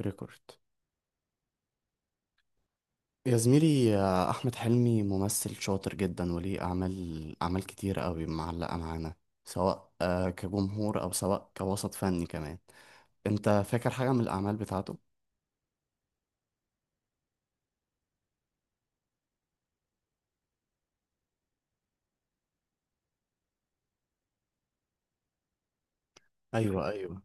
ريكورد، يا زميلي. أحمد حلمي ممثل شاطر جدا وليه أعمال كتير قوي معلقة معانا، سواء كجمهور أو سواء كوسط فني كمان. أنت فاكر حاجة من الأعمال بتاعته؟ ايوه، ايوه.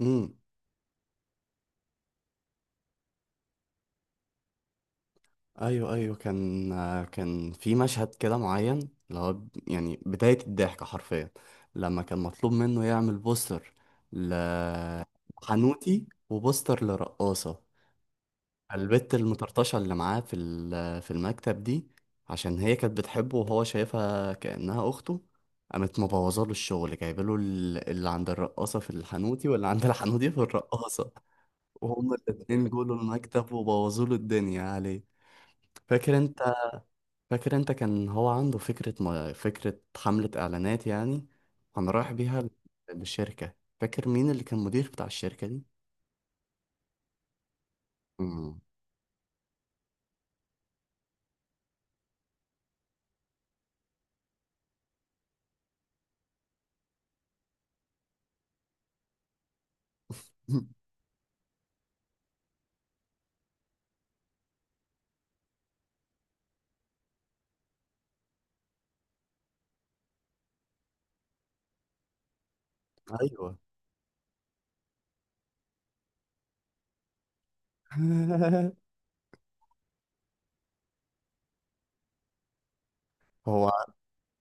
امم. ايوه، ايوه، كان في مشهد كده معين، اللي هو يعني بداية الضحك حرفيا، لما كان مطلوب منه يعمل بوستر لحنوتي وبوستر لرقاصة. البت المطرطشة اللي معاه في المكتب دي، عشان هي كانت بتحبه وهو شايفها كأنها أخته، قامت مبوظة له الشغل، جايبله اللي عند الرقاصة في الحنوتي واللي عند الحنوتي في الرقاصة. وهما الاتنين جولوا المكتب وبوظوا له الدنيا عليه. فاكر انت فاكر انت كان هو عنده فكرة ما فكرة حملة إعلانات يعني، كان رايح بيها للشركة. فاكر مين اللي كان مدير بتاع الشركة دي؟ مم. أيوه. هو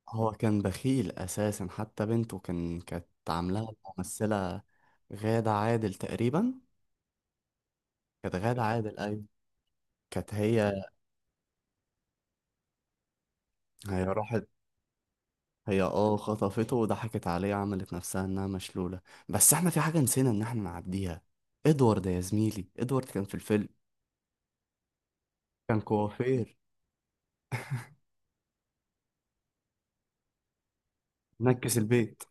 هو كان بخيل اساسا، حتى بنته كانت عاملاها ممثله، غادة عادل تقريبا. كانت غادة عادل، ايوه. كانت هي. هي راحت. هي خطفته وضحكت عليه، عملت نفسها انها مشلوله. بس احنا في حاجه نسينا ان احنا نعديها. ادوارد يا زميلي، ادوارد كان في الفيلم. كان كوافير. نكس البيت.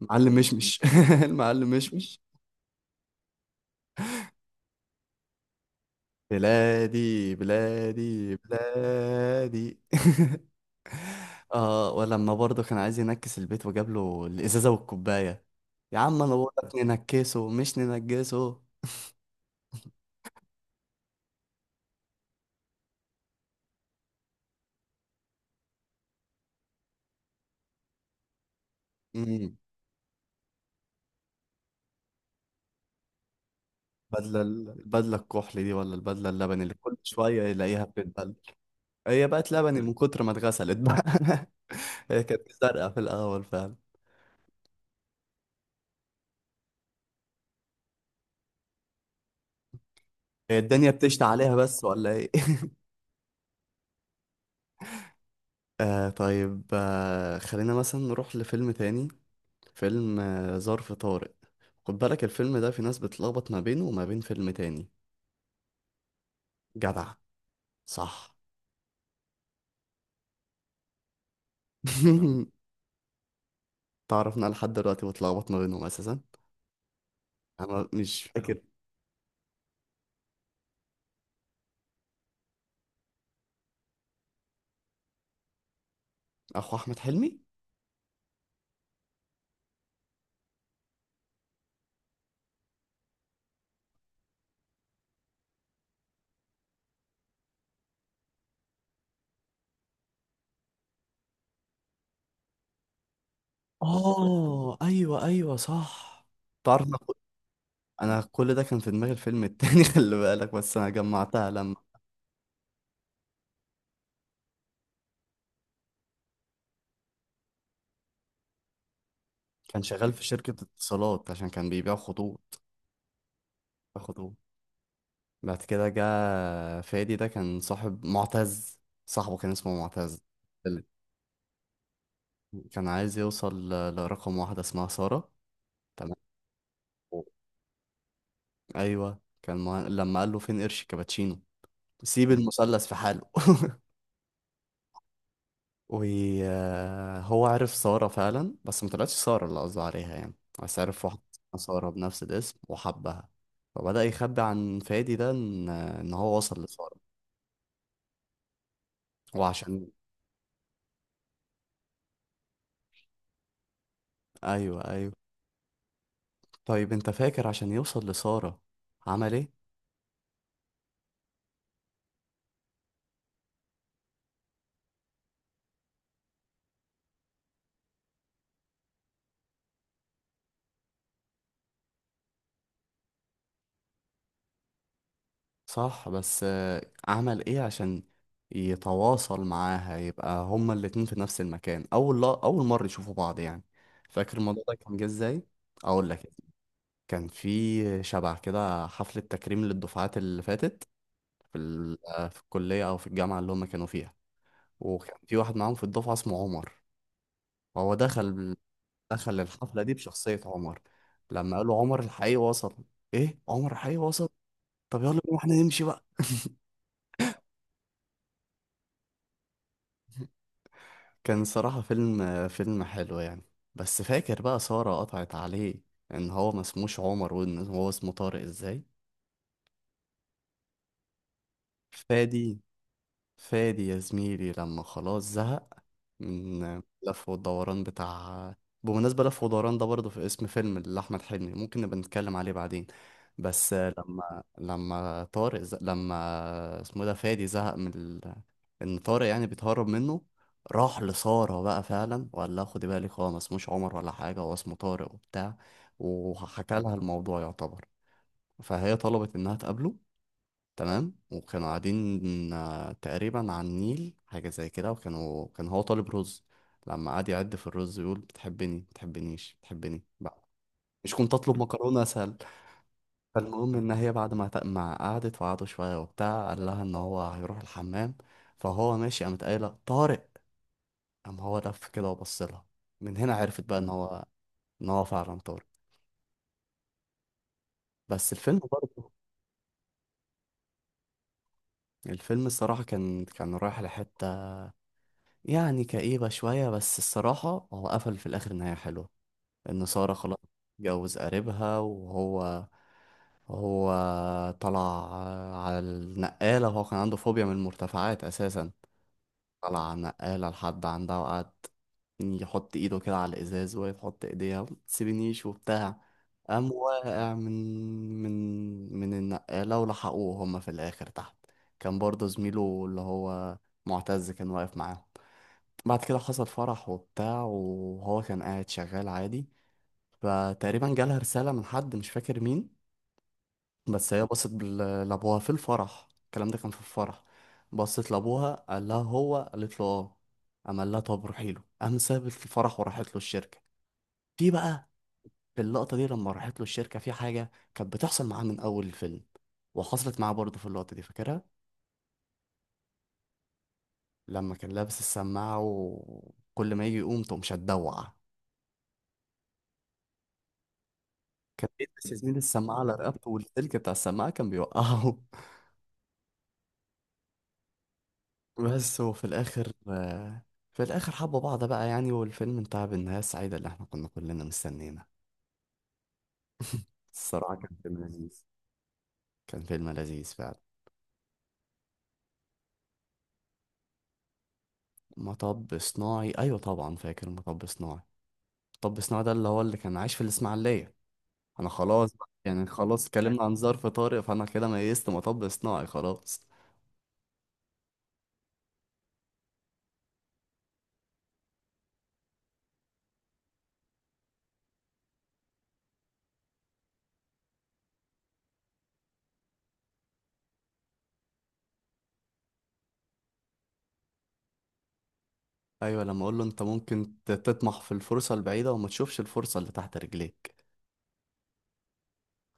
معلم مشمش. المعلم مشمش. بلادي بلادي بلادي. اه، ولما برضه كان عايز ينكس البيت وجاب له الازازه والكوبايه، يا عم انا بقول لك ننكسه مش ننجسه. امم. البدله الكحل دي ولا البدله اللبني اللي كل شويه يلاقيها بتتبل؟ هي بقت لبني من كتر ما اتغسلت بقى. هي كانت زرقاء في الاول فعلا. هي الدنيا بتشتي عليها بس ولا ايه؟ طيب، خلينا مثلا نروح لفيلم تاني، فيلم ظرف طارق. خد بالك، الفيلم ده في ناس بتلخبط ما بينه وما بين فيلم تاني. جدع. صح. تعرف إن انا لحد دلوقتي بتلخبط ما بينهم اساسا. انا مش فاكر. اخو احمد حلمي. اه، ايوه ايوه، صح. تعرف، انا أنا كل ده كان في دماغي الفيلم التاني. خلي بالك، بس انا جمعتها لما كان شغال في شركة اتصالات عشان كان بيبيع خطوط. خطوط. بعد كده جه. فادي ده كان صاحب معتز، صاحبه كان اسمه معتز. كان عايز يوصل لرقم واحدة اسمها سارة. تمام. أيوة، لما قال له فين قرش كابتشينو سيب المثلث في حاله. وهو عرف سارة فعلا بس ما طلعتش سارة اللي قصده عليها يعني، بس عرف واحدة اسمها سارة بنفس الاسم وحبها. فبدأ يخبي عن فادي ده إن هو وصل لسارة، وعشان. أيوة أيوة. طيب أنت فاكر عشان يوصل لسارة عمل إيه؟ صح، بس عمل ايه عشان يتواصل معاها يبقى هما الاتنين في نفس المكان، اول لا اول مرة يشوفوا بعض يعني. فاكر الموضوع ده كان جه ازاي؟ اقول لك. كان في شبع كده حفلة تكريم للدفعات اللي فاتت، في ال- آه، في الكلية او في الجامعة اللي هما كانوا فيها، وكان في واحد معاهم في الدفعة اسمه عمر. وهو دخل الحفلة دي بشخصية عمر. لما قالوا عمر الحقيقي وصل، ايه، عمر الحقيقي وصل، طب يلا بينا احنا نمشي بقى. كان صراحة فيلم حلو يعني. بس فاكر بقى سارة قطعت عليه ان هو ما اسموش عمر وان هو اسمه طارق ازاي. فادي فادي يا زميلي، لما خلاص زهق من لف والدوران بتاع. بمناسبة لف ودوران ده، برضه في اسم فيلم لأحمد حلمي ممكن نبقى نتكلم عليه بعدين. بس لما لما اسمه إيه ده، فادي زهق من ال... إن طارق يعني بيتهرب منه. راح لسارة بقى فعلا وقال لها خدي بالك هو ما اسموش عمر ولا حاجة، هو اسمه طارق وبتاع، وحكى لها الموضوع يعتبر. فهي طلبت إنها تقابله. تمام. وكانوا قاعدين تقريبا على النيل حاجة زي كده، كان هو طالب رز. لما قعد يعد في الرز يقول بتحبني بتحبنيش بتحبني بقى، مش كنت اطلب مكرونة اسهل؟ فالمهم ان هي بعد ما قعدت وقعدوا شوية وبتاع قال لها ان هو هيروح الحمام. فهو ماشي قامت قايلة طارق. قام هو لف كده وبص لها. من هنا عرفت بقى ان هو فعلا طارق. بس الفيلم برضه، الفيلم الصراحة كان رايح لحتة يعني كئيبة شوية، بس الصراحة هو قفل في الآخر نهاية حلوة. إن سارة خلاص اتجوز قريبها، وهو هو طلع على النقالة، وهو كان عنده فوبيا من المرتفعات أساسا. طلع على النقالة لحد عندها، وقعد يحط إيده كده على الإزاز وهي تحط إيديها متسيبنيش وبتاع، قام واقع من النقالة، ولحقوه هما في الآخر تحت. كان برضه زميله اللي هو معتز كان واقف معاه. بعد كده حصل فرح وبتاع وهو كان قاعد شغال عادي، فتقريبا جالها رسالة من حد مش فاكر مين. بس هي بصت لأبوها في الفرح، الكلام ده كان في الفرح. بصت لأبوها، قال لها هو؟ قالت له اه. قام قال لها طب روحي له. قام سابت الفرح وراحت له الشركة. في بقى في اللقطة دي لما راحت له الشركة، في حاجة كانت بتحصل معاه من أول الفيلم وحصلت معاه برضه في اللقطة دي، فاكرها؟ لما كان لابس السماعة وكل ما يجي يقوم تقوم شدوع، كان بيلبس يا زميلي السماعة على رقبته والسلك بتاع السماعة كان بيوقعه. بس وفي الآخر، في الآخر حبوا بعض بقى يعني، والفيلم انتهى بالنهاية السعيدة اللي احنا كنا كلنا مستنينا. الصراحة كان فيلم لذيذ، كان فيلم لذيذ فعلا. مطب صناعي، أيوة طبعا فاكر مطب صناعي. مطب صناعي ده اللي كان عايش في الإسماعيلية. أنا خلاص بقى يعني، خلاص اتكلمنا عن ظرف طارئ، فأنا كده ميزت مطب صناعي خلاص. أيوة، لما أقول له أنت ممكن تطمح في الفرصة البعيدة وما تشوفش الفرصة اللي تحت رجليك.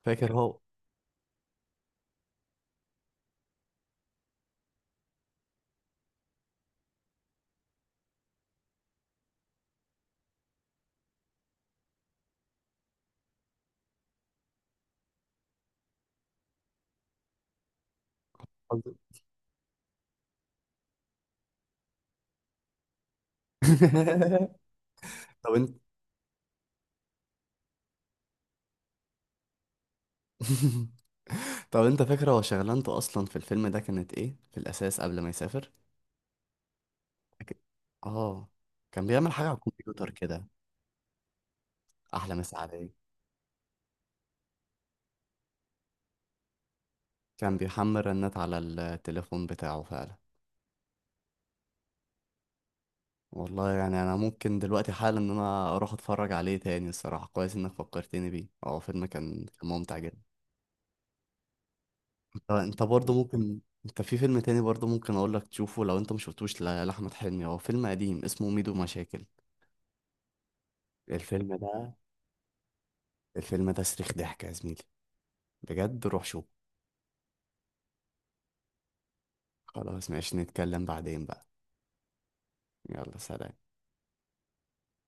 فاكر هو. قصدي- طب انت طب انت فاكر هو شغلانته اصلا في الفيلم ده كانت ايه في الاساس قبل ما يسافر؟ فاكر- اه، كان بيعمل حاجه على الكمبيوتر كده. احلى مسا عليه. كان بيحمل رنات على التليفون بتاعه فعلا. والله يعني انا ممكن دلوقتي حالا ان انا اروح اتفرج عليه تاني، الصراحه كويس انك فكرتني بيه، اه، فيلم كان ممتع جدا. انت برضه ممكن، انت في فيلم تاني برضه ممكن اقول لك تشوفه لو انت مش شفتوش لاحمد حلمي، هو فيلم قديم اسمه ميدو مشاكل. الفيلم ده الفيلم ده صريخ ضحك يا زميلي. بجد روح شوف. خلاص، ماشي، نتكلم بعدين بقى. يلا، سلام.